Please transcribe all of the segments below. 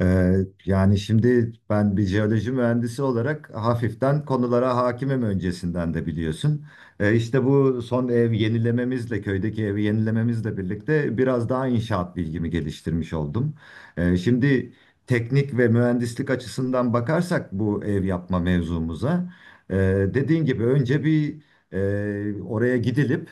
Ee, yani şimdi ben bir jeoloji mühendisi olarak hafiften konulara hakimim öncesinden de biliyorsun. İşte bu son ev yenilememizle, köydeki evi yenilememizle birlikte biraz daha inşaat bilgimi geliştirmiş oldum. Şimdi teknik ve mühendislik açısından bakarsak bu ev yapma mevzumuza, e, dediğin gibi önce bir oraya gidilip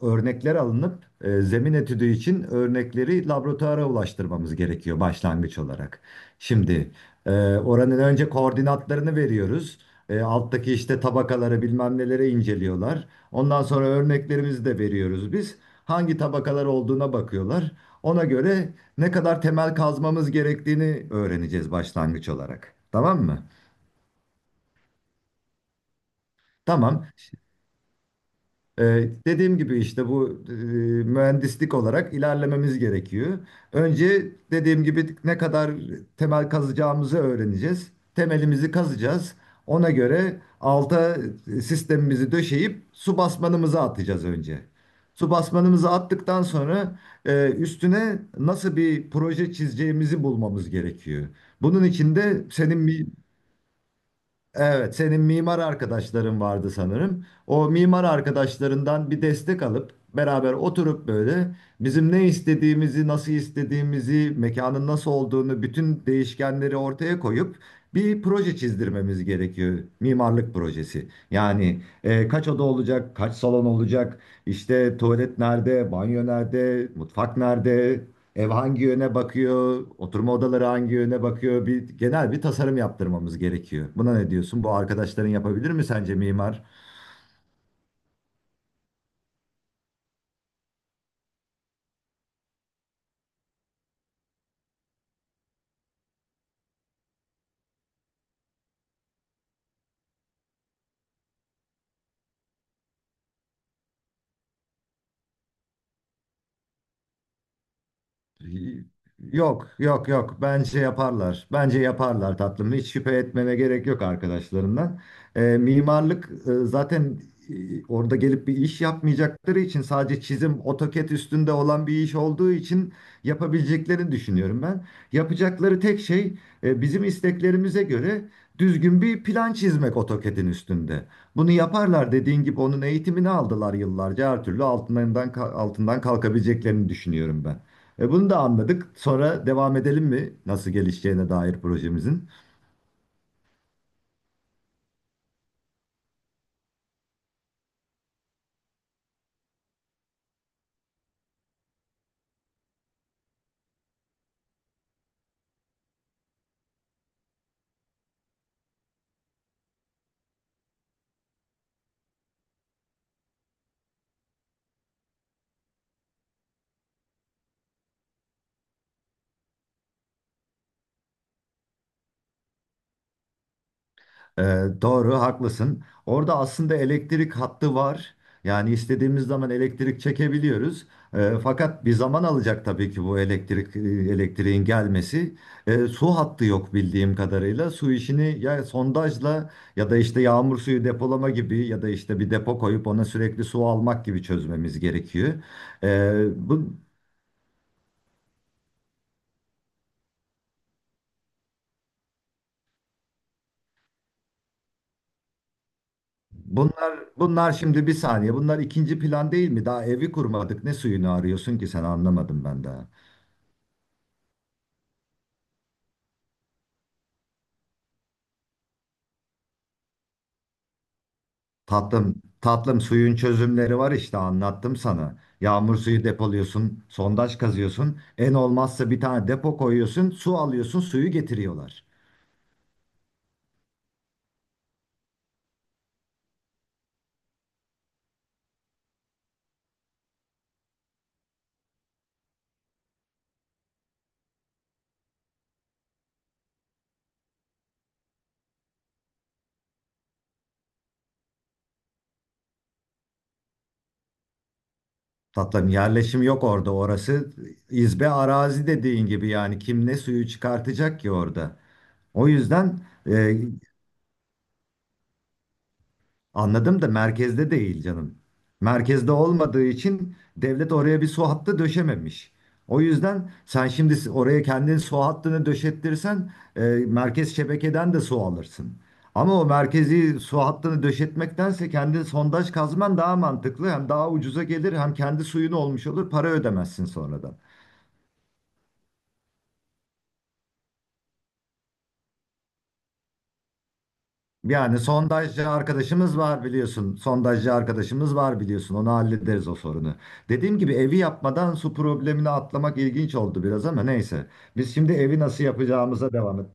örnekler alınıp zemin etüdü için örnekleri laboratuvara ulaştırmamız gerekiyor başlangıç olarak. Şimdi e, oranın önce koordinatlarını veriyoruz. Alttaki işte tabakaları bilmem nelere inceliyorlar. Ondan sonra örneklerimizi de veriyoruz biz. Hangi tabakalar olduğuna bakıyorlar. Ona göre ne kadar temel kazmamız gerektiğini öğreneceğiz başlangıç olarak. Tamam mı? Tamam. Dediğim gibi işte bu mühendislik olarak ilerlememiz gerekiyor. Önce dediğim gibi ne kadar temel kazacağımızı öğreneceğiz. Temelimizi kazacağız. Ona göre alta sistemimizi döşeyip su basmanımızı atacağız önce. Su basmanımızı attıktan sonra üstüne nasıl bir proje çizeceğimizi bulmamız gerekiyor. Bunun için de senin bir Evet, senin mimar arkadaşların vardı sanırım. O mimar arkadaşlarından bir destek alıp beraber oturup böyle bizim ne istediğimizi, nasıl istediğimizi, mekanın nasıl olduğunu, bütün değişkenleri ortaya koyup bir proje çizdirmemiz gerekiyor. Mimarlık projesi. Yani kaç oda olacak, kaç salon olacak, işte tuvalet nerede, banyo nerede, mutfak nerede, ev hangi yöne bakıyor, oturma odaları hangi yöne bakıyor, bir genel bir tasarım yaptırmamız gerekiyor. Buna ne diyorsun? Bu arkadaşların yapabilir mi sence mimar? Yok, yok, yok. Bence yaparlar. Bence yaparlar tatlım. Hiç şüphe etmene gerek yok arkadaşlarından. Mimarlık zaten orada gelip bir iş yapmayacakları için sadece çizim, AutoCAD üstünde olan bir iş olduğu için yapabileceklerini düşünüyorum ben. Yapacakları tek şey bizim isteklerimize göre düzgün bir plan çizmek AutoCAD'in üstünde. Bunu yaparlar dediğin gibi onun eğitimini aldılar yıllarca. Her türlü altından kalkabileceklerini düşünüyorum ben. E bunu da anladık. Sonra devam edelim mi nasıl gelişeceğine dair projemizin? E, doğru, haklısın. Orada aslında elektrik hattı var. Yani istediğimiz zaman elektrik çekebiliyoruz. Fakat bir zaman alacak tabii ki bu elektrik elektriğin gelmesi. Su hattı yok bildiğim kadarıyla. Su işini ya sondajla ya da işte yağmur suyu depolama gibi ya da işte bir depo koyup ona sürekli su almak gibi çözmemiz gerekiyor. E, bu Bunlar şimdi bir saniye. Bunlar ikinci plan değil mi? Daha evi kurmadık. Ne suyunu arıyorsun ki sen anlamadım ben daha. Tatlım, tatlım suyun çözümleri var işte anlattım sana. Yağmur suyu depoluyorsun, sondaj kazıyorsun. En olmazsa bir tane depo koyuyorsun, su alıyorsun, suyu getiriyorlar. Tatlım yerleşim yok orada. Orası izbe arazi dediğin gibi yani kim ne suyu çıkartacak ki orada? O yüzden e, Anladım da merkezde değil canım. Merkezde olmadığı için devlet oraya bir su hattı döşememiş. O yüzden sen şimdi oraya kendin su hattını döşettirsen merkez şebekeden de su alırsın. Ama o merkezi su hattını döşetmektense kendi sondaj kazman daha mantıklı. Hem daha ucuza gelir hem kendi suyun olmuş olur para ödemezsin sonradan. Yani sondajcı arkadaşımız var biliyorsun. Sondajcı arkadaşımız var biliyorsun. Onu hallederiz o sorunu. Dediğim gibi evi yapmadan su problemini atlamak ilginç oldu biraz ama neyse. Biz şimdi evi nasıl yapacağımıza devam et.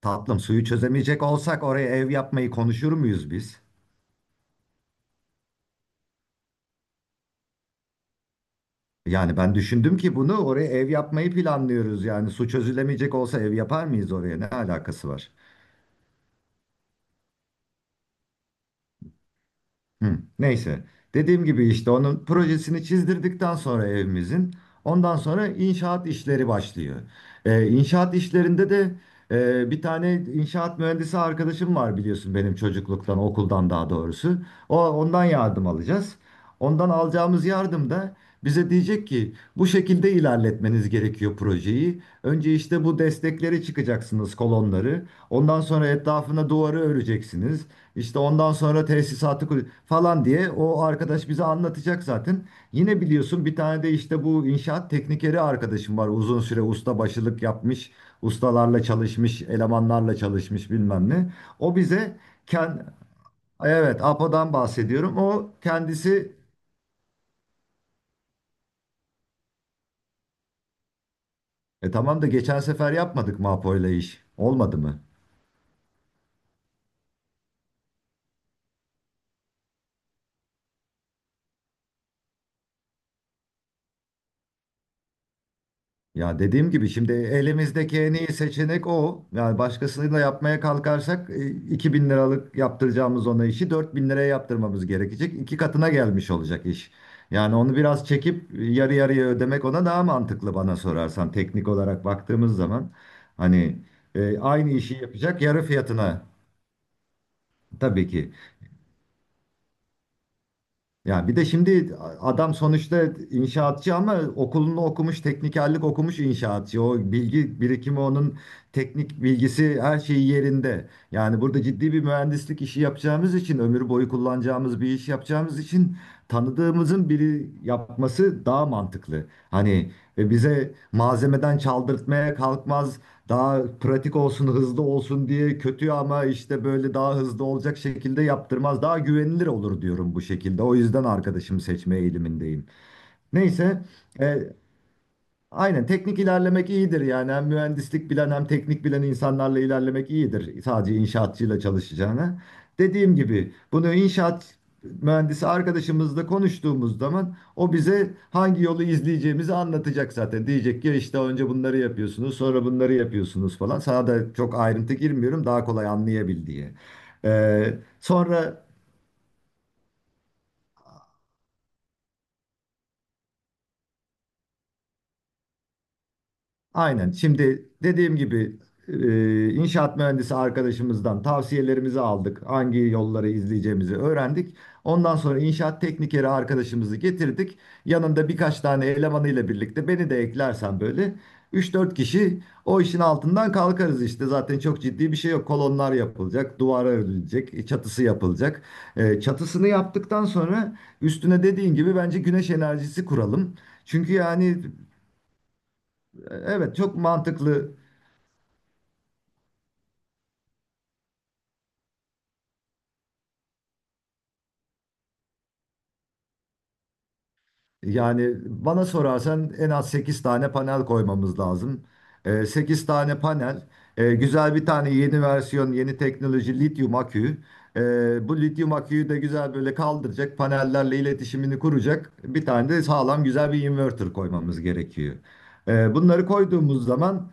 Tatlım suyu çözemeyecek olsak oraya ev yapmayı konuşur muyuz biz? Yani ben düşündüm ki bunu oraya ev yapmayı planlıyoruz. Yani su çözülemeyecek olsa ev yapar mıyız oraya? Ne alakası var? Hı, neyse. Dediğim gibi işte onun projesini çizdirdikten sonra evimizin ondan sonra inşaat işleri başlıyor. İnşaat işlerinde de bir tane inşaat mühendisi arkadaşım var biliyorsun benim çocukluktan okuldan daha doğrusu. Ondan yardım alacağız. Ondan alacağımız yardım da bize diyecek ki bu şekilde ilerletmeniz gerekiyor projeyi. Önce işte bu destekleri çıkacaksınız kolonları. Ondan sonra etrafına duvarı öreceksiniz. İşte ondan sonra falan diye o arkadaş bize anlatacak zaten. Yine biliyorsun bir tane de işte bu inşaat teknikeri arkadaşım var. Uzun süre ustabaşılık yapmış, ustalarla çalışmış, elemanlarla çalışmış bilmem ne. O bize kend evet APO'dan bahsediyorum. O kendisi e tamam da geçen sefer yapmadık mı APO ile iş? Olmadı mı? Ya dediğim gibi şimdi elimizdeki en iyi seçenek o. Yani başkasıyla yapmaya kalkarsak 2000 liralık yaptıracağımız ona işi 4000 liraya yaptırmamız gerekecek. İki katına gelmiş olacak iş. Yani onu biraz çekip yarı yarıya ödemek ona daha mantıklı bana sorarsan teknik olarak baktığımız zaman. Hani aynı işi yapacak yarı fiyatına tabii ki Ya bir de şimdi adam sonuçta inşaatçı ama okulunu okumuş, teknikerlik okumuş inşaatçı. O bilgi birikimi onun teknik bilgisi her şeyi yerinde. Yani burada ciddi bir mühendislik işi yapacağımız için, ömür boyu kullanacağımız bir iş yapacağımız için tanıdığımızın biri yapması daha mantıklı. Hani ve bize malzemeden çaldırtmaya kalkmaz daha pratik olsun, hızlı olsun diye kötü ama işte böyle daha hızlı olacak şekilde yaptırmaz. Daha güvenilir olur diyorum bu şekilde. O yüzden arkadaşımı seçme eğilimindeyim. Neyse, e, Aynen teknik ilerlemek iyidir yani hem mühendislik bilen hem teknik bilen insanlarla ilerlemek iyidir sadece inşaatçıyla çalışacağına. Dediğim gibi bunu inşaat mühendisi arkadaşımızla konuştuğumuz zaman o bize hangi yolu izleyeceğimizi anlatacak zaten. Diyecek ki işte önce bunları yapıyorsunuz sonra bunları yapıyorsunuz falan. Sana da çok ayrıntı girmiyorum daha kolay anlayabil diye. Sonra Aynen. Şimdi dediğim gibi inşaat mühendisi arkadaşımızdan tavsiyelerimizi aldık. Hangi yolları izleyeceğimizi öğrendik. Ondan sonra inşaat teknikeri arkadaşımızı getirdik. Yanında birkaç tane elemanıyla birlikte beni de eklersen böyle üç dört kişi o işin altından kalkarız işte. Zaten çok ciddi bir şey yok. Kolonlar yapılacak, duvara örülecek, çatısı yapılacak. Çatısını yaptıktan sonra üstüne dediğin gibi bence güneş enerjisi kuralım. Çünkü yani Evet çok mantıklı Yani bana sorarsan en az 8 tane panel koymamız lazım. 8 tane panel, güzel bir tane yeni versiyon, yeni teknoloji lityum akü. E, Bu lityum aküyü de güzel böyle kaldıracak, panellerle iletişimini kuracak bir tane de sağlam güzel bir inverter koymamız gerekiyor. Bunları koyduğumuz zaman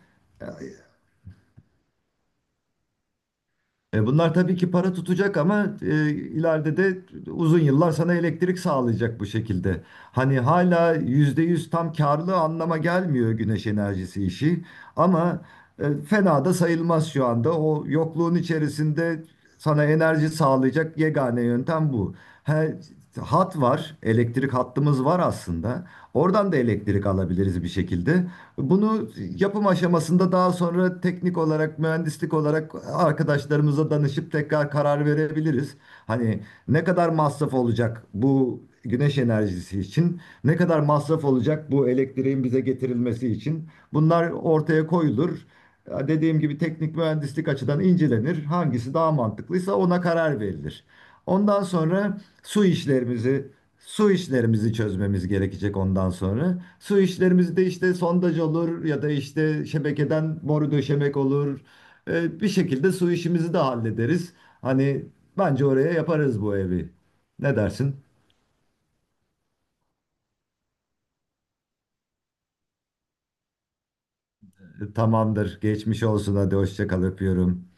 Bunlar tabii ki para tutacak ama ileride de uzun yıllar sana elektrik sağlayacak bu şekilde. Hani hala %100 tam karlı anlama gelmiyor güneş enerjisi işi ama fena da sayılmaz şu anda. O yokluğun içerisinde sana enerji sağlayacak yegane yöntem bu. He, hat var, elektrik hattımız var aslında. Oradan da elektrik alabiliriz bir şekilde. Bunu yapım aşamasında daha sonra teknik olarak, mühendislik olarak arkadaşlarımıza danışıp tekrar karar verebiliriz. Hani ne kadar masraf olacak bu güneş enerjisi için, ne kadar masraf olacak bu elektriğin bize getirilmesi için. Bunlar ortaya koyulur. Ya Dediğim gibi teknik mühendislik açıdan incelenir. Hangisi daha mantıklıysa ona karar verilir. Ondan sonra su işlerimizi Su işlerimizi çözmemiz gerekecek ondan sonra. Su işlerimiz de işte sondaj olur ya da işte şebekeden boru döşemek olur. Bir şekilde su işimizi de hallederiz. Hani bence oraya yaparız bu evi. Ne dersin? Tamamdır. Geçmiş olsun. Hadi hoşça kal öpüyorum.